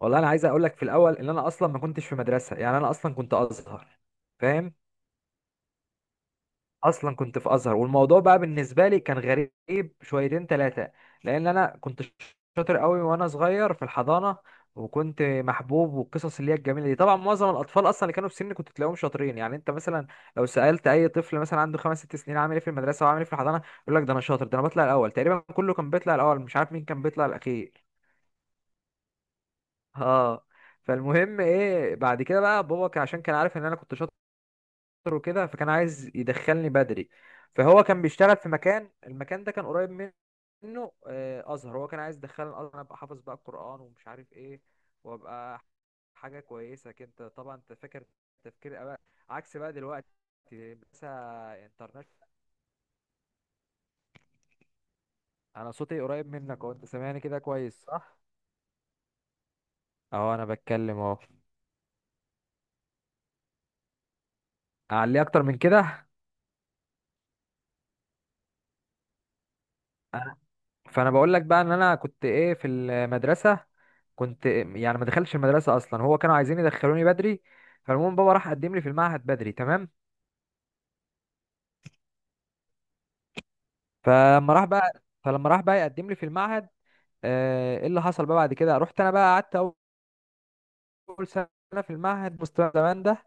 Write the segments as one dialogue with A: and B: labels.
A: والله انا عايز اقول لك في الاول ان انا اصلا ما كنتش في مدرسه، يعني انا اصلا كنت ازهر. فاهم؟ اصلا كنت في ازهر، والموضوع بقى بالنسبه لي كان غريب شويتين ثلاثه. لان انا كنت شاطر قوي وانا صغير في الحضانه، وكنت محبوب والقصص اللي هي الجميله دي. طبعا معظم الاطفال اصلا اللي كانوا في سني كنت تلاقيهم شاطرين. يعني انت مثلا لو سالت اي طفل مثلا عنده خمس ست سنين عامل ايه في المدرسه وعامل ايه في الحضانه، يقول لك ده انا شاطر، ده انا بطلع الاول. تقريبا كله كان بيطلع الاول، مش عارف مين كان بيطلع الاخير. اه، فالمهم ايه بعد كده بقى بابا عشان كان عارف ان انا كنت شاطر وكده، فكان عايز يدخلني بدري. فهو كان بيشتغل في مكان، المكان ده كان قريب منه. ازهر، هو كان عايز يدخلني الازهر، أنا ابقى حافظ بقى القران ومش عارف ايه، وابقى حاجه كويسه كده. طبعا انت فاكر، تفكير بقى عكس بقى دلوقتي، بس انترنت. انا صوتي قريب منك اهو، انت سامعني كده كويس صح؟ اهو انا بتكلم اهو. اعليه اكتر من كده. فانا بقول لك بقى ان انا كنت ايه في المدرسه. كنت يعني ما دخلتش المدرسه اصلا، هو كانوا عايزين يدخلوني بدري. فالمهم بابا راح قدم لي في المعهد بدري. تمام، فلما راح بقى يقدم لي في المعهد. ايه اللي حصل بقى بعد كده، رحت انا بقى قعدت اول سنه في المعهد، مستوى زمان ده.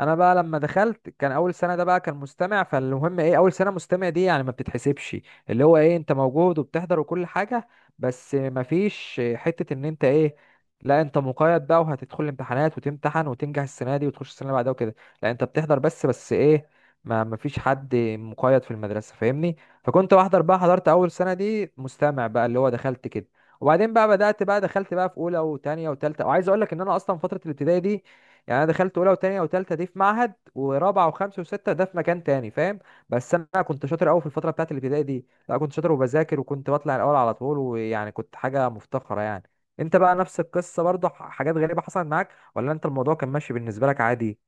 A: انا بقى لما دخلت كان اول سنه ده بقى كان مستمع. فالمهم ايه، اول سنه مستمع دي يعني ما بتتحسبش، اللي هو ايه، انت موجود وبتحضر وكل حاجه، بس ما فيش حته ان انت ايه، لا انت مقيد بقى وهتدخل الامتحانات وتمتحن وتنجح السنه دي وتخش السنه اللي بعدها وكده. لا انت بتحضر بس، بس ايه، ما فيش حد مقيد في المدرسه، فاهمني؟ فكنت بحضر بقى، حضرت اول سنه دي مستمع بقى، اللي هو دخلت كده. وبعدين بقى بدأت بقى دخلت بقى في اولى وتانية وتالتة. وعايز اقول لك ان انا اصلا فترة الابتدائي دي، يعني انا دخلت اولى وتانية وتالتة دي في معهد، ورابعة وخمسة وستة ده في مكان تاني، فاهم؟ بس انا كنت شاطر قوي في الفترة بتاعت الابتدائي دي. لا كنت شاطر وبذاكر، وكنت بطلع الاول على طول، ويعني كنت حاجة مفتخرة يعني. انت بقى نفس القصة برضه؟ حاجات غريبة حصلت معاك ولا انت الموضوع كان ماشي بالنسبة لك عادي؟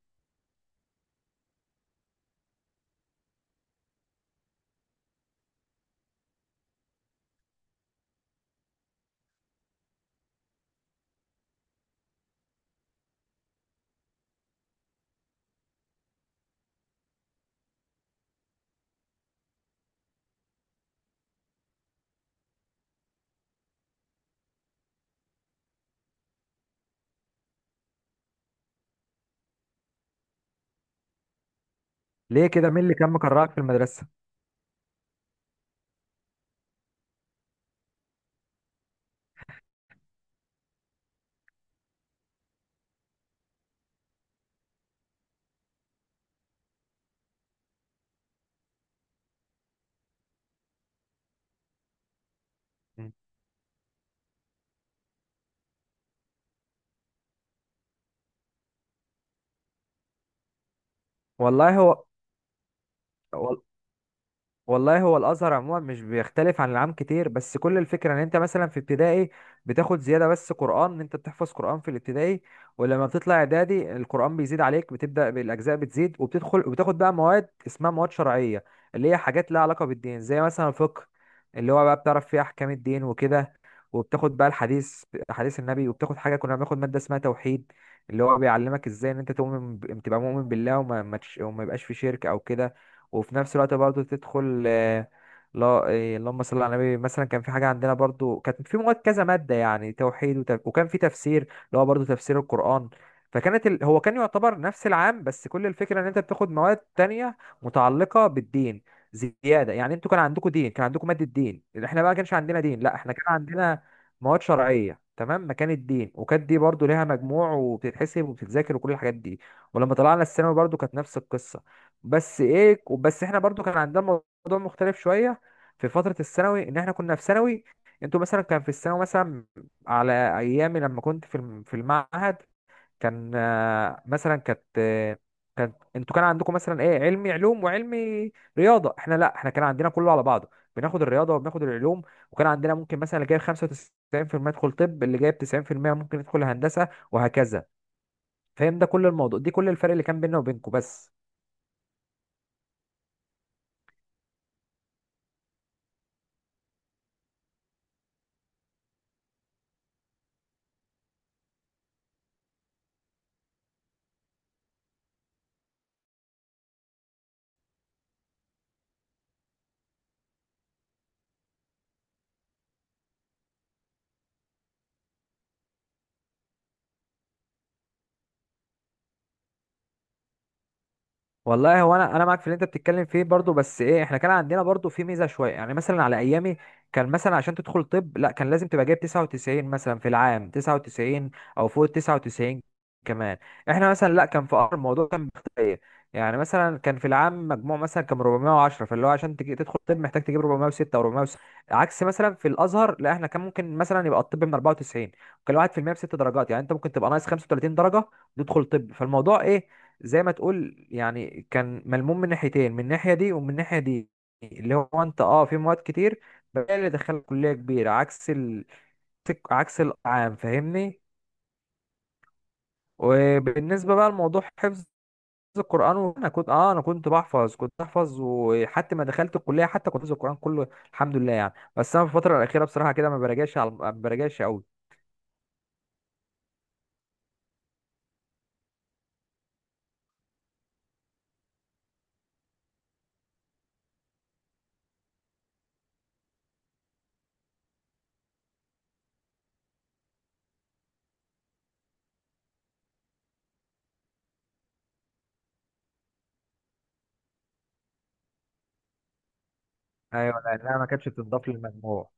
A: ليه كده؟ مين اللي كان مكرهك في المدرسة؟ مم. والله هو. وال- والله هو الازهر عموما مش بيختلف عن العام كتير، بس كل الفكره ان انت مثلا في ابتدائي بتاخد زياده بس قران، ان انت بتحفظ قران في الابتدائي. ولما بتطلع اعدادي القران بيزيد عليك، بتبدا بالاجزاء بتزيد، وبتدخل وبتاخد بقى مواد اسمها مواد شرعيه، اللي هي حاجات لها علاقه بالدين، زي مثلا الفقه اللي هو بقى بتعرف فيه احكام الدين وكده. وبتاخد بقى الحديث، حديث النبي. وبتاخد حاجه كنا بناخد ماده اسمها توحيد، اللي هو بيعلمك ازاي ان انت تؤمن تبقى مؤمن بالله، وما ما تش- وما يبقاش في شرك او كده. وفي نفس الوقت برضو تدخل آه، لا آه، اللهم صل على النبي، مثلا كان في حاجه عندنا برضو، كانت في مواد كذا ماده، يعني توحيد وكان في تفسير اللي هو برضو تفسير القران. هو كان يعتبر نفس العام، بس كل الفكره ان انت بتاخد مواد تانية متعلقه بالدين زياده. يعني انتوا كان عندكم دين، كان عندكم ماده دين، احنا بقى كانش عندنا دين، لا احنا كان عندنا مواد شرعيه تمام مكان الدين. وكانت دي برضو ليها مجموع وبتتحسب وبتتذاكر وكل الحاجات دي. ولما طلعنا الثانوي برضو كانت نفس القصه، بس ايه، بس احنا برضو كان عندنا موضوع مختلف شويه في فتره الثانوي، ان احنا كنا في ثانوي. انتوا مثلا كان في الثانوي مثلا، على ايامي لما كنت في في المعهد، كان مثلا كانت، انتوا كان عندكم مثلا ايه، علمي علوم وعلمي رياضه. احنا لا، احنا كان عندنا كله على بعضه، بناخد الرياضه وبناخد العلوم. وكان عندنا ممكن مثلا اللي جايب 95% يدخل طب، اللي جايب 90% ممكن يدخل هندسه، وهكذا. فاهم؟ ده كل الموضوع، دي كل الفرق اللي كان بيننا وبينكم بس. والله هو، انا معاك في اللي انت بتتكلم فيه برضو، بس ايه، احنا كان عندنا برضو في ميزه شويه. يعني مثلا على ايامي، كان مثلا عشان تدخل طب لا كان لازم تبقى جايب 99 مثلا، في العام 99 او فوق 99 كمان. احنا مثلا لا، كان في أمر، الموضوع كان بيختلف. يعني مثلا كان في العام مجموع مثلا كان 410، فاللي هو عشان تجي تدخل طب محتاج تجيب 406 او 406. عكس مثلا في الازهر، لا احنا كان ممكن مثلا يبقى الطب من 94، وكان الواحد في المية بست درجات، يعني انت ممكن تبقى ناقص 35 درجه تدخل طب. فالموضوع ايه، زي ما تقول يعني كان ملموم من ناحيتين، من الناحية دي ومن الناحية دي. اللي هو انت اه في مواد كتير بقى اللي دخلك كلية كبيرة، عكس عكس العام، فاهمني؟ وبالنسبة بقى لموضوع حفظ القرآن، انا كنت اه، انا كنت بحفظ، كنت بحفظ، وحتى ما دخلت الكلية حتى كنت حافظ القرآن كله، الحمد لله. يعني بس انا في الفترة الأخيرة بصراحة كده ما براجعش، على ما براجعش قوي. ايوه، لانها ما كانتش بتضاف للمجموع.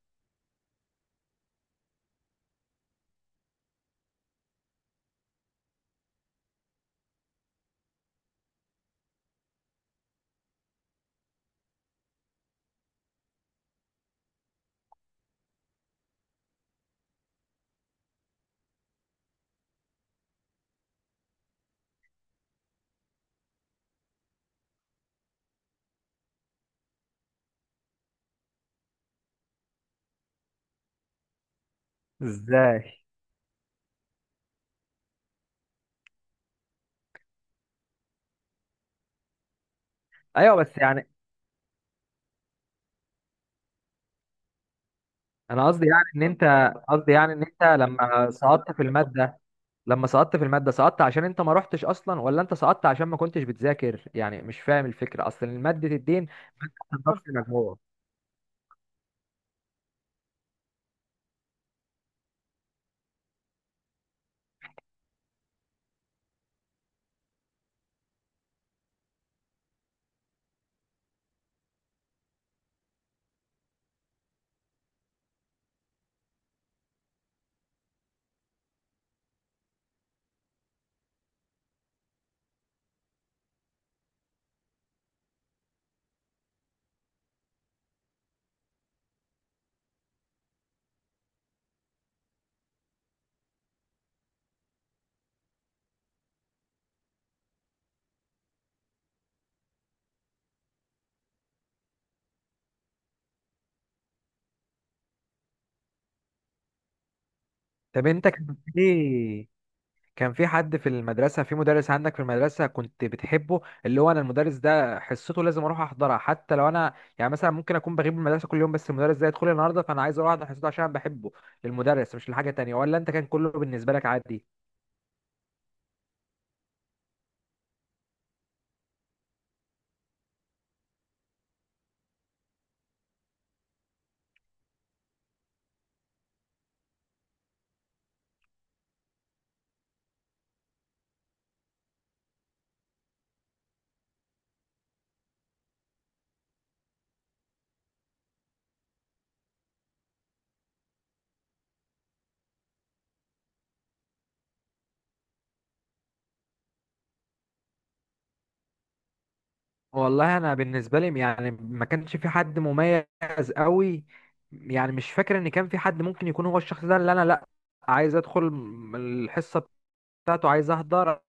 A: ازاي؟ ايوه بس يعني، انا قصدي يعني ان انت، قصدي يعني ان انت لما سقطت في الماده، لما سقطت في الماده سقطت عشان انت ما رحتش اصلا، ولا انت سقطت عشان ما كنتش بتذاكر؟ يعني مش فاهم الفكره، اصل ماده الدين ماده بتضافش مجموع. طب انت كان في، كان في حد في المدرسه، في مدرس عندك في المدرسه كنت بتحبه، اللي هو انا المدرس ده حصته لازم اروح احضرها حتى لو انا، يعني مثلا ممكن اكون بغيب من المدرسه كل يوم، بس المدرس ده يدخل لي النهارده فانا عايز اروح احضر حصته عشان انا بحبه للمدرس مش لحاجه تانية، ولا انت كان كله بالنسبه لك عادي؟ والله انا بالنسبه لي يعني ما كانش في حد مميز قوي. يعني مش فاكر ان كان في حد ممكن يكون هو الشخص ده اللي انا لا عايز ادخل الحصه بتاعته، عايز احضر،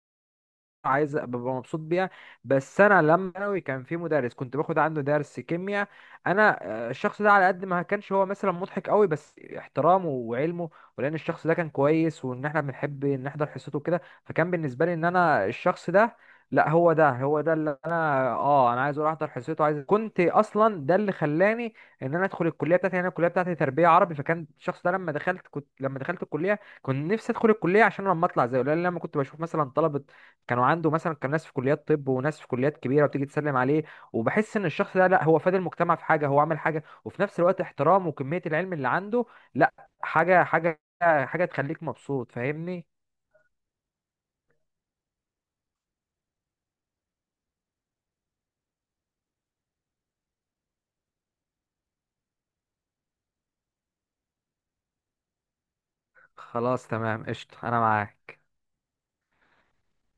A: عايز ابقى مبسوط بيها. بس انا لما ثانوي كان في مدرس كنت باخد عنده درس كيمياء انا. الشخص ده على قد ما كانش هو مثلا مضحك قوي، بس احترامه وعلمه، ولان الشخص ده كان كويس وان احنا بنحب نحضر حصته وكده، فكان بالنسبه لي ان انا الشخص ده، لا هو ده، هو ده اللي انا اه انا عايز اروح احضر حصته عايز. كنت اصلا ده اللي خلاني ان انا ادخل الكليه بتاعتي. يعني انا الكليه بتاعتي تربيه عربي، فكان الشخص ده لما دخلت، كنت لما دخلت الكليه كنت نفسي ادخل الكليه عشان لما اطلع زيه. لان لما كنت بشوف مثلا طلبه كانوا عنده، مثلا كان ناس في كليات طب وناس في كليات كبيره، وتيجي تسلم عليه، وبحس ان الشخص ده لا هو فاد المجتمع في حاجه، هو عمل حاجه، وفي نفس الوقت احترامه وكميه العلم اللي عنده، لا حاجه حاجه حاجه تخليك مبسوط، فاهمني؟ خلاص تمام، قشطه، انا معاك.